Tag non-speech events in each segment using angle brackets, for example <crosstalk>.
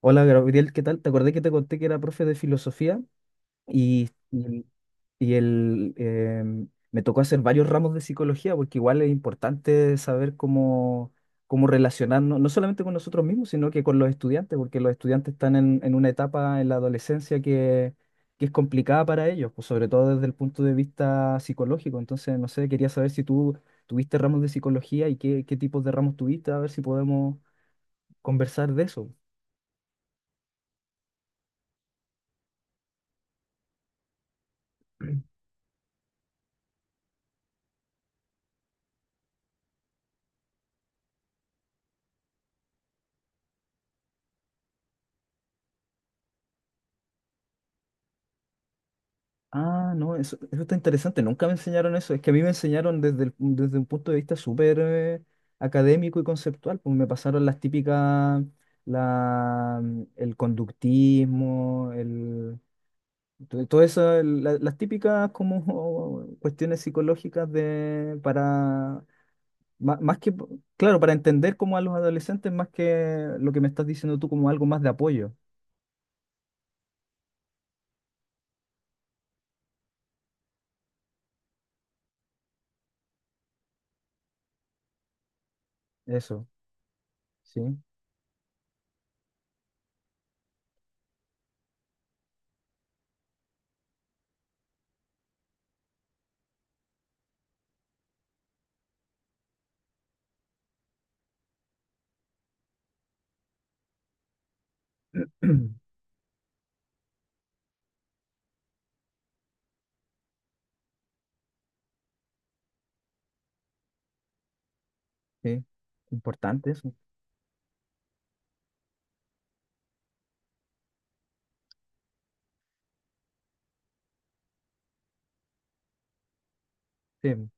Hola Gabriel, ¿qué tal? Te acordé que te conté que era profe de filosofía y, y, y el, me tocó hacer varios ramos de psicología porque igual es importante saber cómo, cómo relacionarnos, no solamente con nosotros mismos, sino que con los estudiantes, porque los estudiantes están en una etapa en la adolescencia que es complicada para ellos, pues sobre todo desde el punto de vista psicológico. Entonces, no sé, quería saber si tú tuviste ramos de psicología y qué tipos de ramos tuviste, a ver si podemos conversar de eso. Ah, no, eso está interesante. Nunca me enseñaron eso. Es que a mí me enseñaron desde, desde un punto de vista súper académico y conceptual. Pues me pasaron las típicas, la, el conductismo, el, todo eso, las típicas como <laughs> cuestiones psicológicas de, para, más, que, claro, para entender como a los adolescentes, más que lo que me estás diciendo tú como algo más de apoyo. Eso, sí. <clears throat> Sí, importante eso. Sí.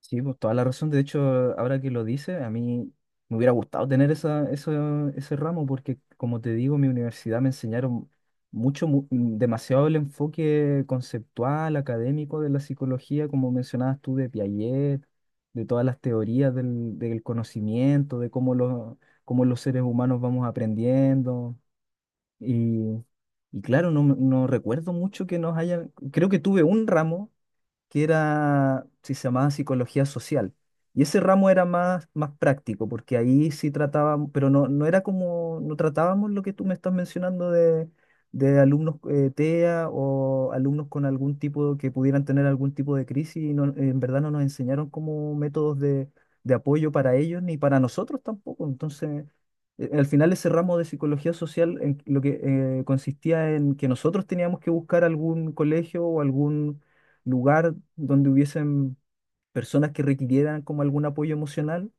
Sí, pues toda la razón. De hecho, ahora que lo dice, a mí me hubiera gustado tener ese ramo porque, como te digo, en mi universidad me enseñaron mucho, demasiado el enfoque conceptual, académico de la psicología, como mencionabas tú, de Piaget, de todas las teorías del conocimiento, de cómo los seres humanos vamos aprendiendo. Y, y claro, no, no recuerdo mucho que nos hayan, creo que tuve un ramo que era, si se llamaba psicología social. Y ese ramo era más práctico, porque ahí sí tratábamos, pero no, no era como, no tratábamos lo que tú me estás mencionando de alumnos TEA o alumnos con algún tipo, que pudieran tener algún tipo de crisis, y en verdad no nos enseñaron como métodos de apoyo para ellos ni para nosotros tampoco. Entonces, al final ese ramo de psicología social en, lo que consistía en que nosotros teníamos que buscar algún colegio o algún lugar donde hubiesen personas que requirieran como algún apoyo emocional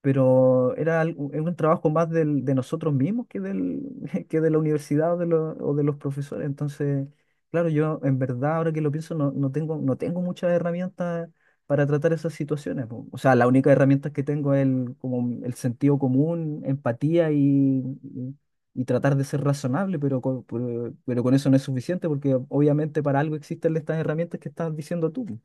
pero era un trabajo más de nosotros mismos que, del, <laughs> que de la universidad o de, o de los profesores. Entonces, claro, yo en verdad, ahora que lo pienso, no, no tengo muchas herramientas para tratar esas situaciones. Po. O sea, la única herramienta que tengo es el, como el sentido común, empatía y tratar de ser razonable, pero con eso no es suficiente porque obviamente para algo existen estas herramientas que estás diciendo tú.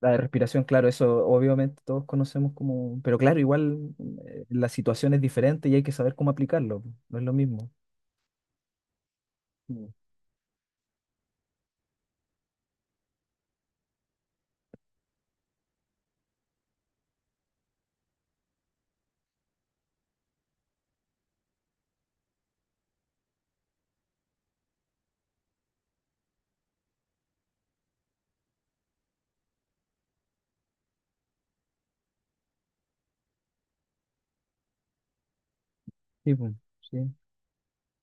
La de respiración, claro, eso obviamente todos conocemos como, pero claro, igual la situación es diferente y hay que saber cómo aplicarlo, po, no es lo mismo. Mm. Sí, po, sí.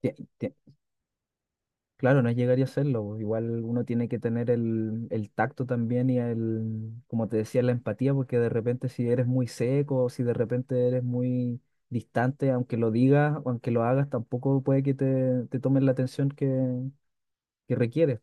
Tie- tie- Claro, no llegaría a serlo, po, igual uno tiene que tener el tacto también y el, como te decía, la empatía, porque de repente si eres muy seco o si de repente eres muy distante, aunque lo digas o aunque lo hagas, tampoco puede que te tomen la atención que requieres.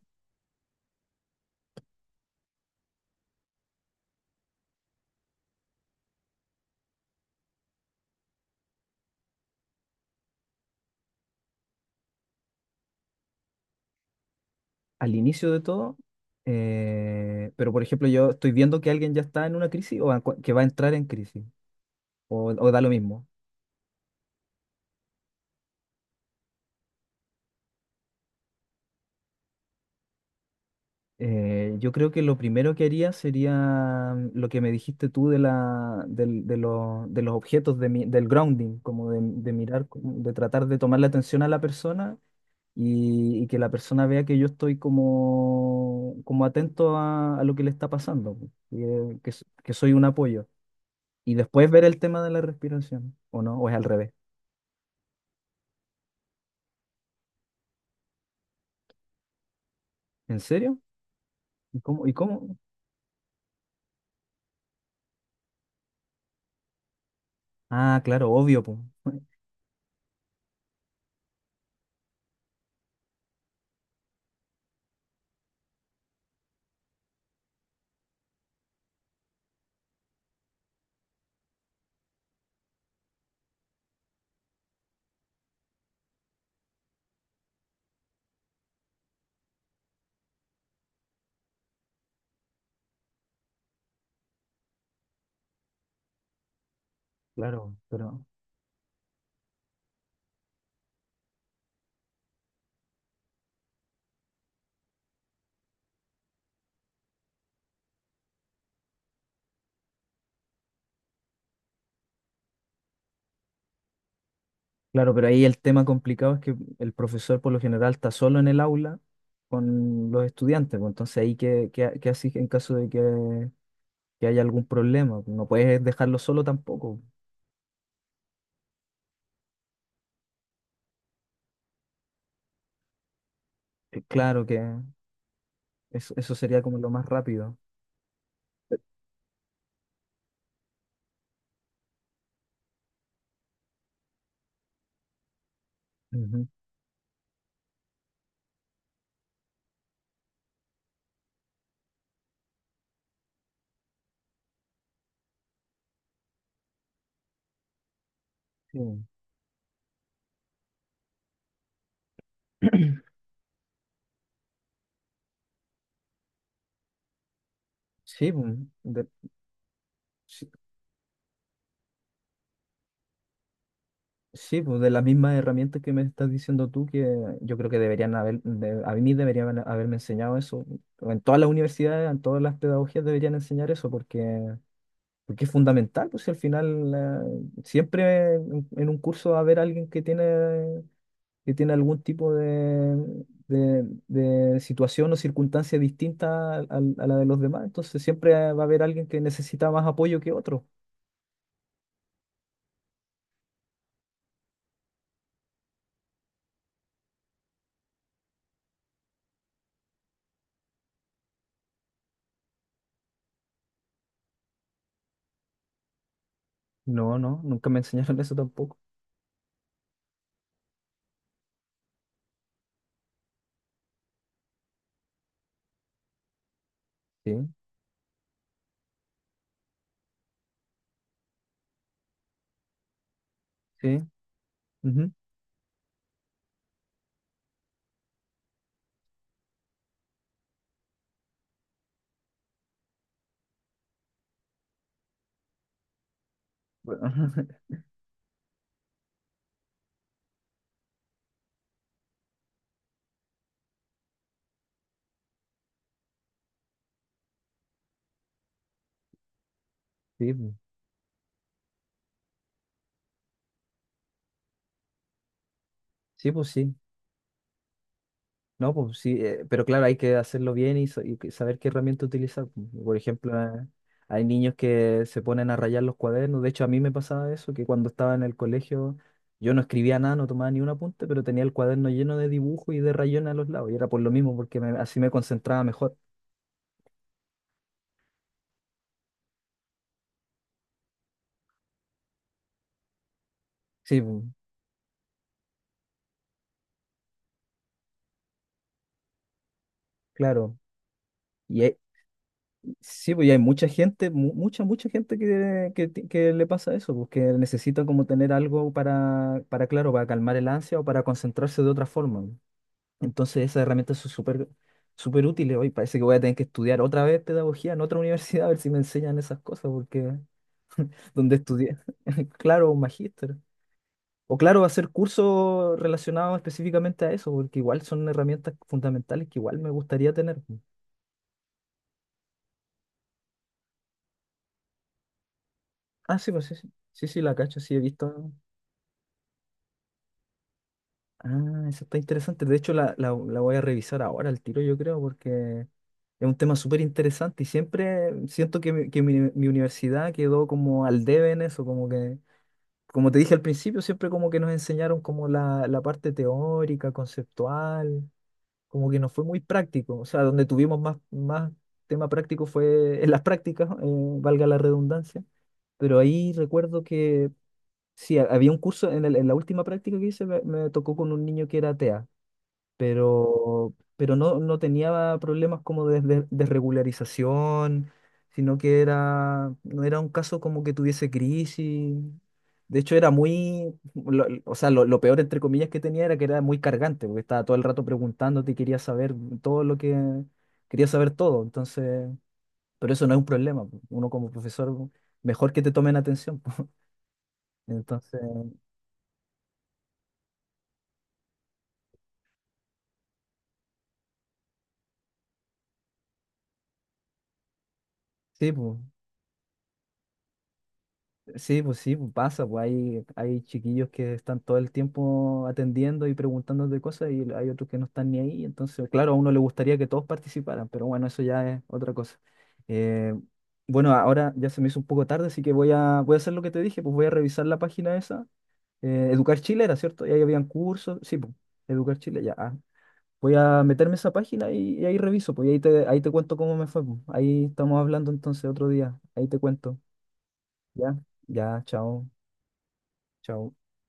Al inicio de todo, pero por ejemplo yo estoy viendo que alguien ya está en una crisis o a que va a entrar en crisis, o da lo mismo. Yo creo que lo primero que haría sería lo que me dijiste tú de, la, de los objetos, del grounding, como de mirar, como de tratar de tomar la atención a la persona y que la persona vea que yo estoy como, como atento a lo que le está pasando, que que soy un apoyo. Y después ver el tema de la respiración, ¿o no? ¿O es al revés? ¿En serio? ¿Y cómo? Ah, claro, obvio, pues. Claro, pero, claro, pero ahí el tema complicado es que el profesor por lo general está solo en el aula con los estudiantes, pues entonces ahí qué haces en caso de que haya algún problema, no puedes dejarlo solo tampoco. Claro que eso sería como lo más rápido. Ujú. Sí, sí, pues, de- sí, sí, pues de las mismas herramientas que me estás diciendo tú, que yo creo que deberían haber, a mí deberían haberme enseñado eso. En todas las universidades, en todas las pedagogías deberían enseñar eso, porque, porque es fundamental, pues si al final siempre en un curso va a haber alguien que tiene algún tipo de situación o circunstancia distinta a la de los demás, entonces siempre va a haber alguien que necesita más apoyo que otro. No, no, nunca me enseñaron eso tampoco. Sí, sí. Ujú. <laughs> Sí, pu. Sí, pues sí. No, pues sí, pero claro, hay que hacerlo bien y, saber qué herramienta utilizar. Pu. Por ejemplo, eh, hay niños que se ponen a rayar los cuadernos. De hecho, a mí me pasaba eso, que cuando estaba en el colegio yo no escribía nada, no tomaba ni un apunte, pero tenía el cuaderno lleno de dibujos y de rayones a los lados. Y era por lo mismo, porque así me concentraba mejor. Sí, pu, claro. Y, sí, pues y hay mucha gente, mucha gente que que le pasa eso, pues que necesita como tener algo para, claro, para calmar el ansia o para concentrarse de otra forma. Pues. Entonces esas herramientas son súper, súper útiles. Hoy parece que voy a tener que estudiar otra vez pedagogía en otra universidad a ver si me enseñan esas cosas, porque donde estudié, <laughs> claro, un magíster. O claro, hacer cursos relacionados específicamente a eso, porque igual son herramientas fundamentales que igual me gustaría tener. Pues. Ah, sí, pues sí, sí, sí, sí, la cacho, sí, he visto. Ah, eso está interesante. De hecho, la, la voy a revisar ahora al tiro, yo creo, porque es un tema súper interesante y siempre siento que mi universidad quedó como al debe en eso, como que, como te dije al principio, siempre como que nos enseñaron como la parte teórica, conceptual, como que no fue muy práctico. O sea, donde tuvimos más, más tema práctico fue en las prácticas, valga la redundancia, pero ahí recuerdo que... Sí, había un curso en, en la última práctica que hice, me tocó con un niño que era TEA pero no, no tenía problemas como de, de regularización, sino que era, no era un caso como que tuviese crisis. De hecho, era muy, o sea, lo peor entre comillas que tenía era que era muy cargante, porque estaba todo el rato preguntándote y quería saber todo lo que, quería saber todo. Entonces, pero eso no es un problema. Po. Uno como profesor, mejor que te tomen atención. Po. <laughs> Entonces, sí, pues. Sí, pues sí, pues pasa, pues hay chiquillos que están todo el tiempo atendiendo y preguntando de cosas y hay otros que no están ni ahí, entonces, claro, a uno le gustaría que todos participaran, pero bueno, eso ya es otra cosa. Eh, bueno, ahora ya se me hizo un poco tarde, así que voy voy a hacer lo que te dije, pues voy a revisar la página esa. Educar Chile era, ¿cierto? Y ahí habían cursos, sí, pues, Educar Chile, ya. Ah. Voy a meterme a esa página y ahí reviso, pues y ahí te cuento cómo me fue, pues. Ahí estamos hablando entonces otro día, ahí te cuento, ¿ya? Ya, chao. Chao.